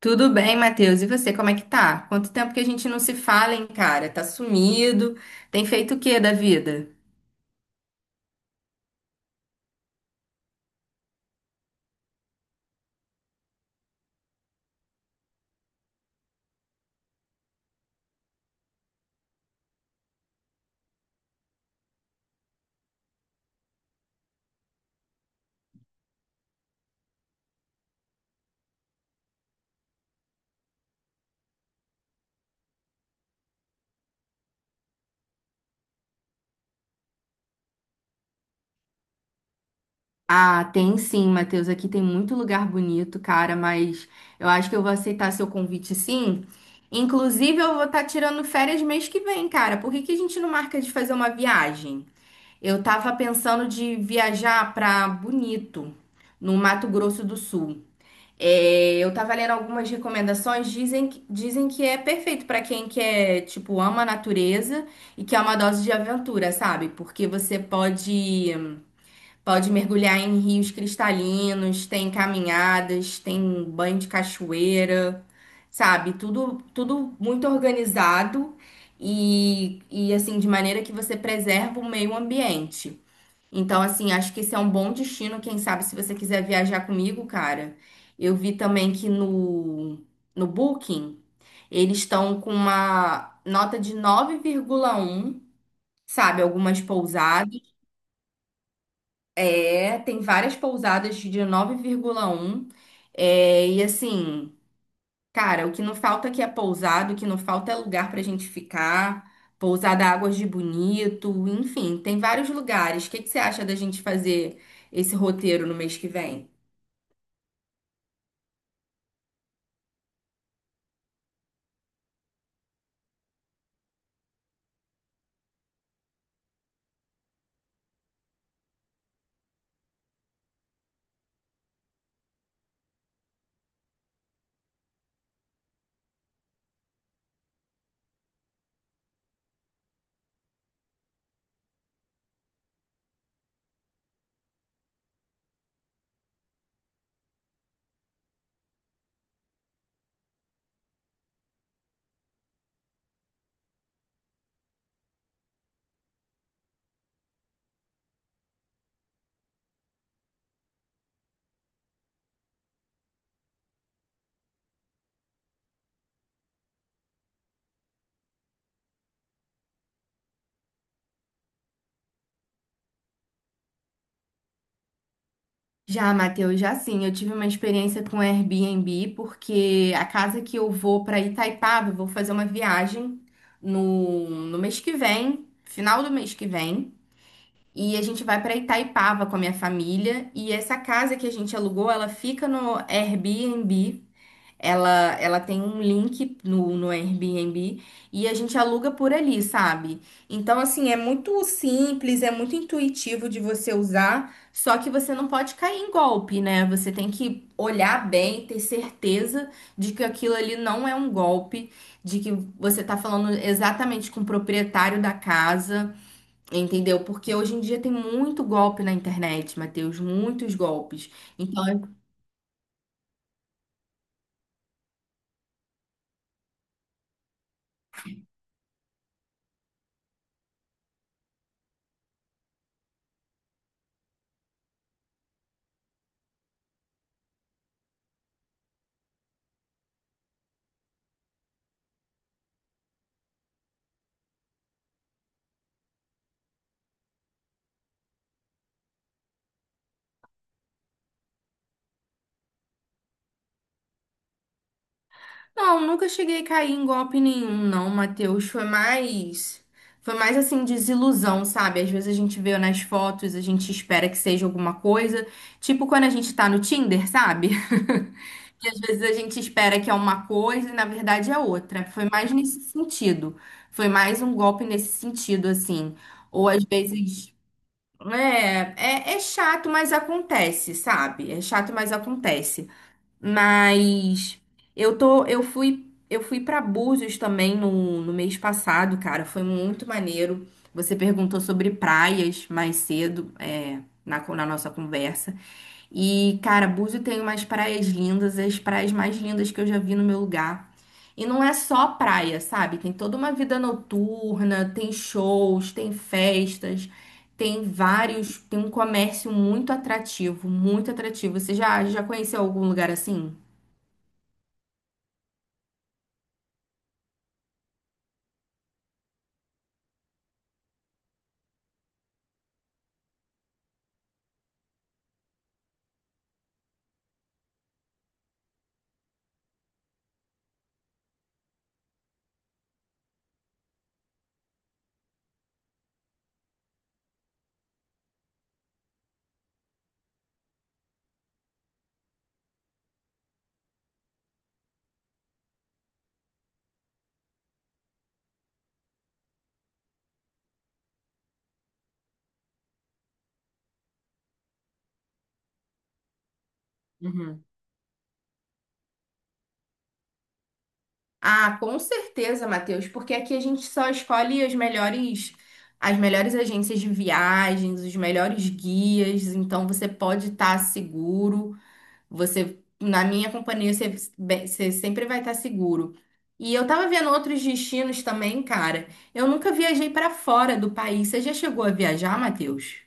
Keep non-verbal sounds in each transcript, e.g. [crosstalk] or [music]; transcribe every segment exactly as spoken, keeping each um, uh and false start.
Tudo bem, Matheus? E você, como é que tá? Quanto tempo que a gente não se fala, hein, cara? Tá sumido. Tem feito o quê da vida? Ah, tem sim, Matheus. Aqui tem muito lugar bonito, cara, mas eu acho que eu vou aceitar seu convite sim. Inclusive, eu vou estar tirando férias mês que vem, cara. Por que que a gente não marca de fazer uma viagem? Eu tava pensando de viajar pra Bonito, no Mato Grosso do Sul. É, eu tava lendo algumas recomendações, dizem que, dizem que é perfeito pra quem quer, tipo, ama a natureza e que é uma dose de aventura, sabe? Porque você pode pode mergulhar em rios cristalinos, tem caminhadas, tem banho de cachoeira, sabe? Tudo tudo muito organizado e, e assim de maneira que você preserva o meio ambiente. Então, assim, acho que esse é um bom destino, quem sabe, se você quiser viajar comigo, cara. Eu vi também que no, no Booking, eles estão com uma nota de nove vírgula um, sabe? Algumas pousadas. É, tem várias pousadas de nove vírgula um. É, e assim. Cara, o que não falta aqui é pousada, o que não falta é lugar pra gente ficar. Pousada Águas de Bonito, enfim, tem vários lugares. O que que você acha da gente fazer esse roteiro no mês que vem? Já, Matheus, já sim. Eu tive uma experiência com Airbnb, porque a casa que eu vou para Itaipava, eu vou fazer uma viagem no, no mês que vem, final do mês que vem. E a gente vai para Itaipava com a minha família. E essa casa que a gente alugou, ela fica no Airbnb. Ela, ela tem um link no, no Airbnb e a gente aluga por ali, sabe? Então, assim, é muito simples, é muito intuitivo de você usar, só que você não pode cair em golpe, né? Você tem que olhar bem, ter certeza de que aquilo ali não é um golpe, de que você tá falando exatamente com o proprietário da casa, entendeu? Porque hoje em dia tem muito golpe na internet, Matheus, muitos golpes. Então, não, nunca cheguei a cair em golpe nenhum, não, Matheus. Foi mais. Foi mais assim, desilusão, sabe? Às vezes a gente vê nas fotos, a gente espera que seja alguma coisa. Tipo quando a gente tá no Tinder, sabe? [laughs] E às vezes a gente espera que é uma coisa e na verdade é outra. Foi mais nesse sentido. Foi mais um golpe nesse sentido, assim. Ou às vezes. É, é, é chato, mas acontece, sabe? É chato, mas acontece. Mas eu tô, eu fui, eu fui para Búzios também no, no mês passado, cara. Foi muito maneiro. Você perguntou sobre praias mais cedo, é, na, co- na nossa conversa. E, cara, Búzios tem umas praias lindas, as praias mais lindas que eu já vi no meu lugar. E não é só praia, sabe? Tem toda uma vida noturna, tem shows, tem festas. Tem vários, tem um comércio muito atrativo, muito atrativo. Você já, já conheceu algum lugar assim? Uhum. Ah, com certeza, Matheus, porque aqui a gente só escolhe as melhores, as melhores agências de viagens, os melhores guias, então você pode estar seguro. Você, na minha companhia, você, bem, você sempre vai estar seguro. E eu tava vendo outros destinos também, cara. Eu nunca viajei para fora do país. Você já chegou a viajar, Matheus?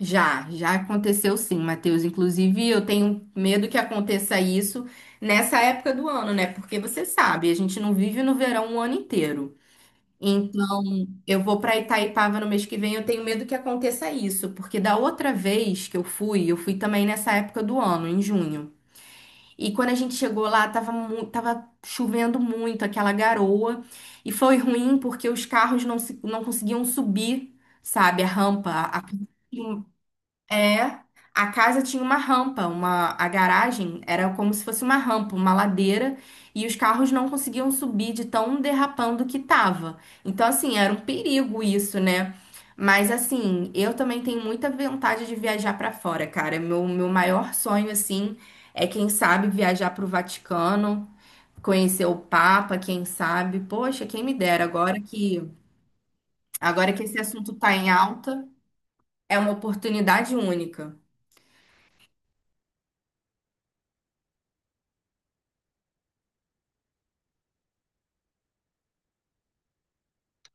Já, já aconteceu sim, Matheus. Inclusive, eu tenho medo que aconteça isso nessa época do ano, né? Porque você sabe, a gente não vive no verão o ano inteiro. Então, eu vou para Itaipava no mês que vem, eu tenho medo que aconteça isso, porque da outra vez que eu fui, eu fui também nessa época do ano, em junho. E quando a gente chegou lá, tava, mu- tava chovendo muito, aquela garoa, e foi ruim porque os carros não, se- não conseguiam subir, sabe, a rampa, a é, a casa tinha uma rampa, uma, a garagem era como se fosse uma rampa, uma ladeira, e os carros não conseguiam subir de tão derrapando que tava. Então, assim, era um perigo isso, né? Mas, assim, eu também tenho muita vontade de viajar pra fora, cara. Meu, meu maior sonho, assim, é, quem sabe, viajar pro Vaticano, conhecer o Papa, quem sabe. Poxa, quem me dera, agora que, agora que esse assunto tá em alta, é uma oportunidade única.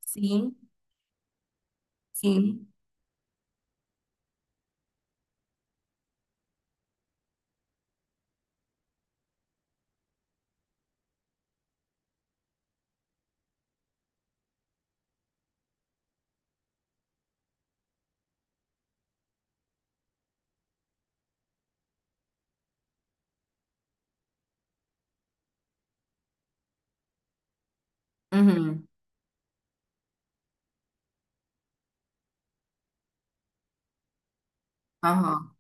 Sim. Sim. Uhum. Aham.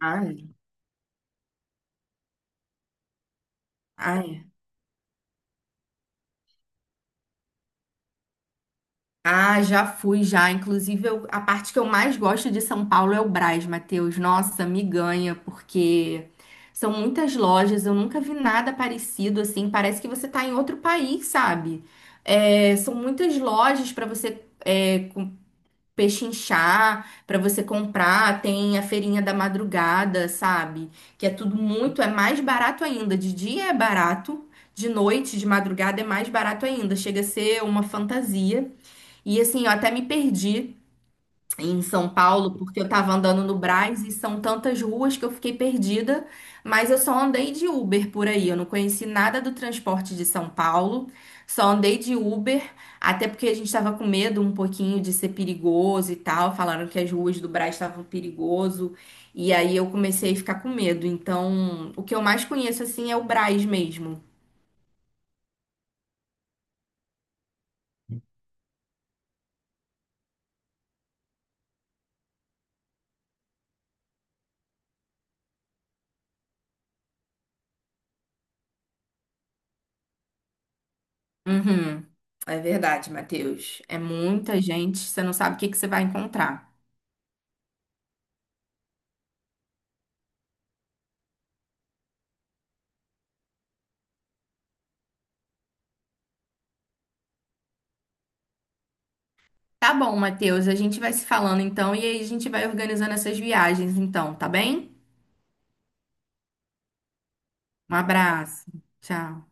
Ai, ai. Ah, é. Ah, já fui, já. Inclusive, eu- a parte que eu mais gosto de São Paulo é o Brás, Matheus. Nossa, me ganha, porque são muitas lojas, eu nunca vi nada parecido assim. Parece que você tá em outro país, sabe? É, são muitas lojas para você pechinchar, para você comprar, tem a feirinha da madrugada, sabe? Que é tudo muito, é mais barato ainda. De dia é barato, de noite, de madrugada é mais barato ainda. Chega a ser uma fantasia. E assim, eu até me perdi em São Paulo, porque eu tava andando no Brás e são tantas ruas que eu fiquei perdida, mas eu só andei de Uber por aí, eu não conheci nada do transporte de São Paulo, só andei de Uber, até porque a gente tava com medo um pouquinho de ser perigoso e tal, falaram que as ruas do Brás estavam perigoso, e aí eu comecei a ficar com medo. Então, o que eu mais conheço assim é o Brás mesmo. Uhum. É verdade, Matheus. É muita gente, você não sabe o que que você vai encontrar. Tá bom, Matheus. A gente vai se falando então e aí a gente vai organizando essas viagens então, tá bem? Um abraço. Tchau.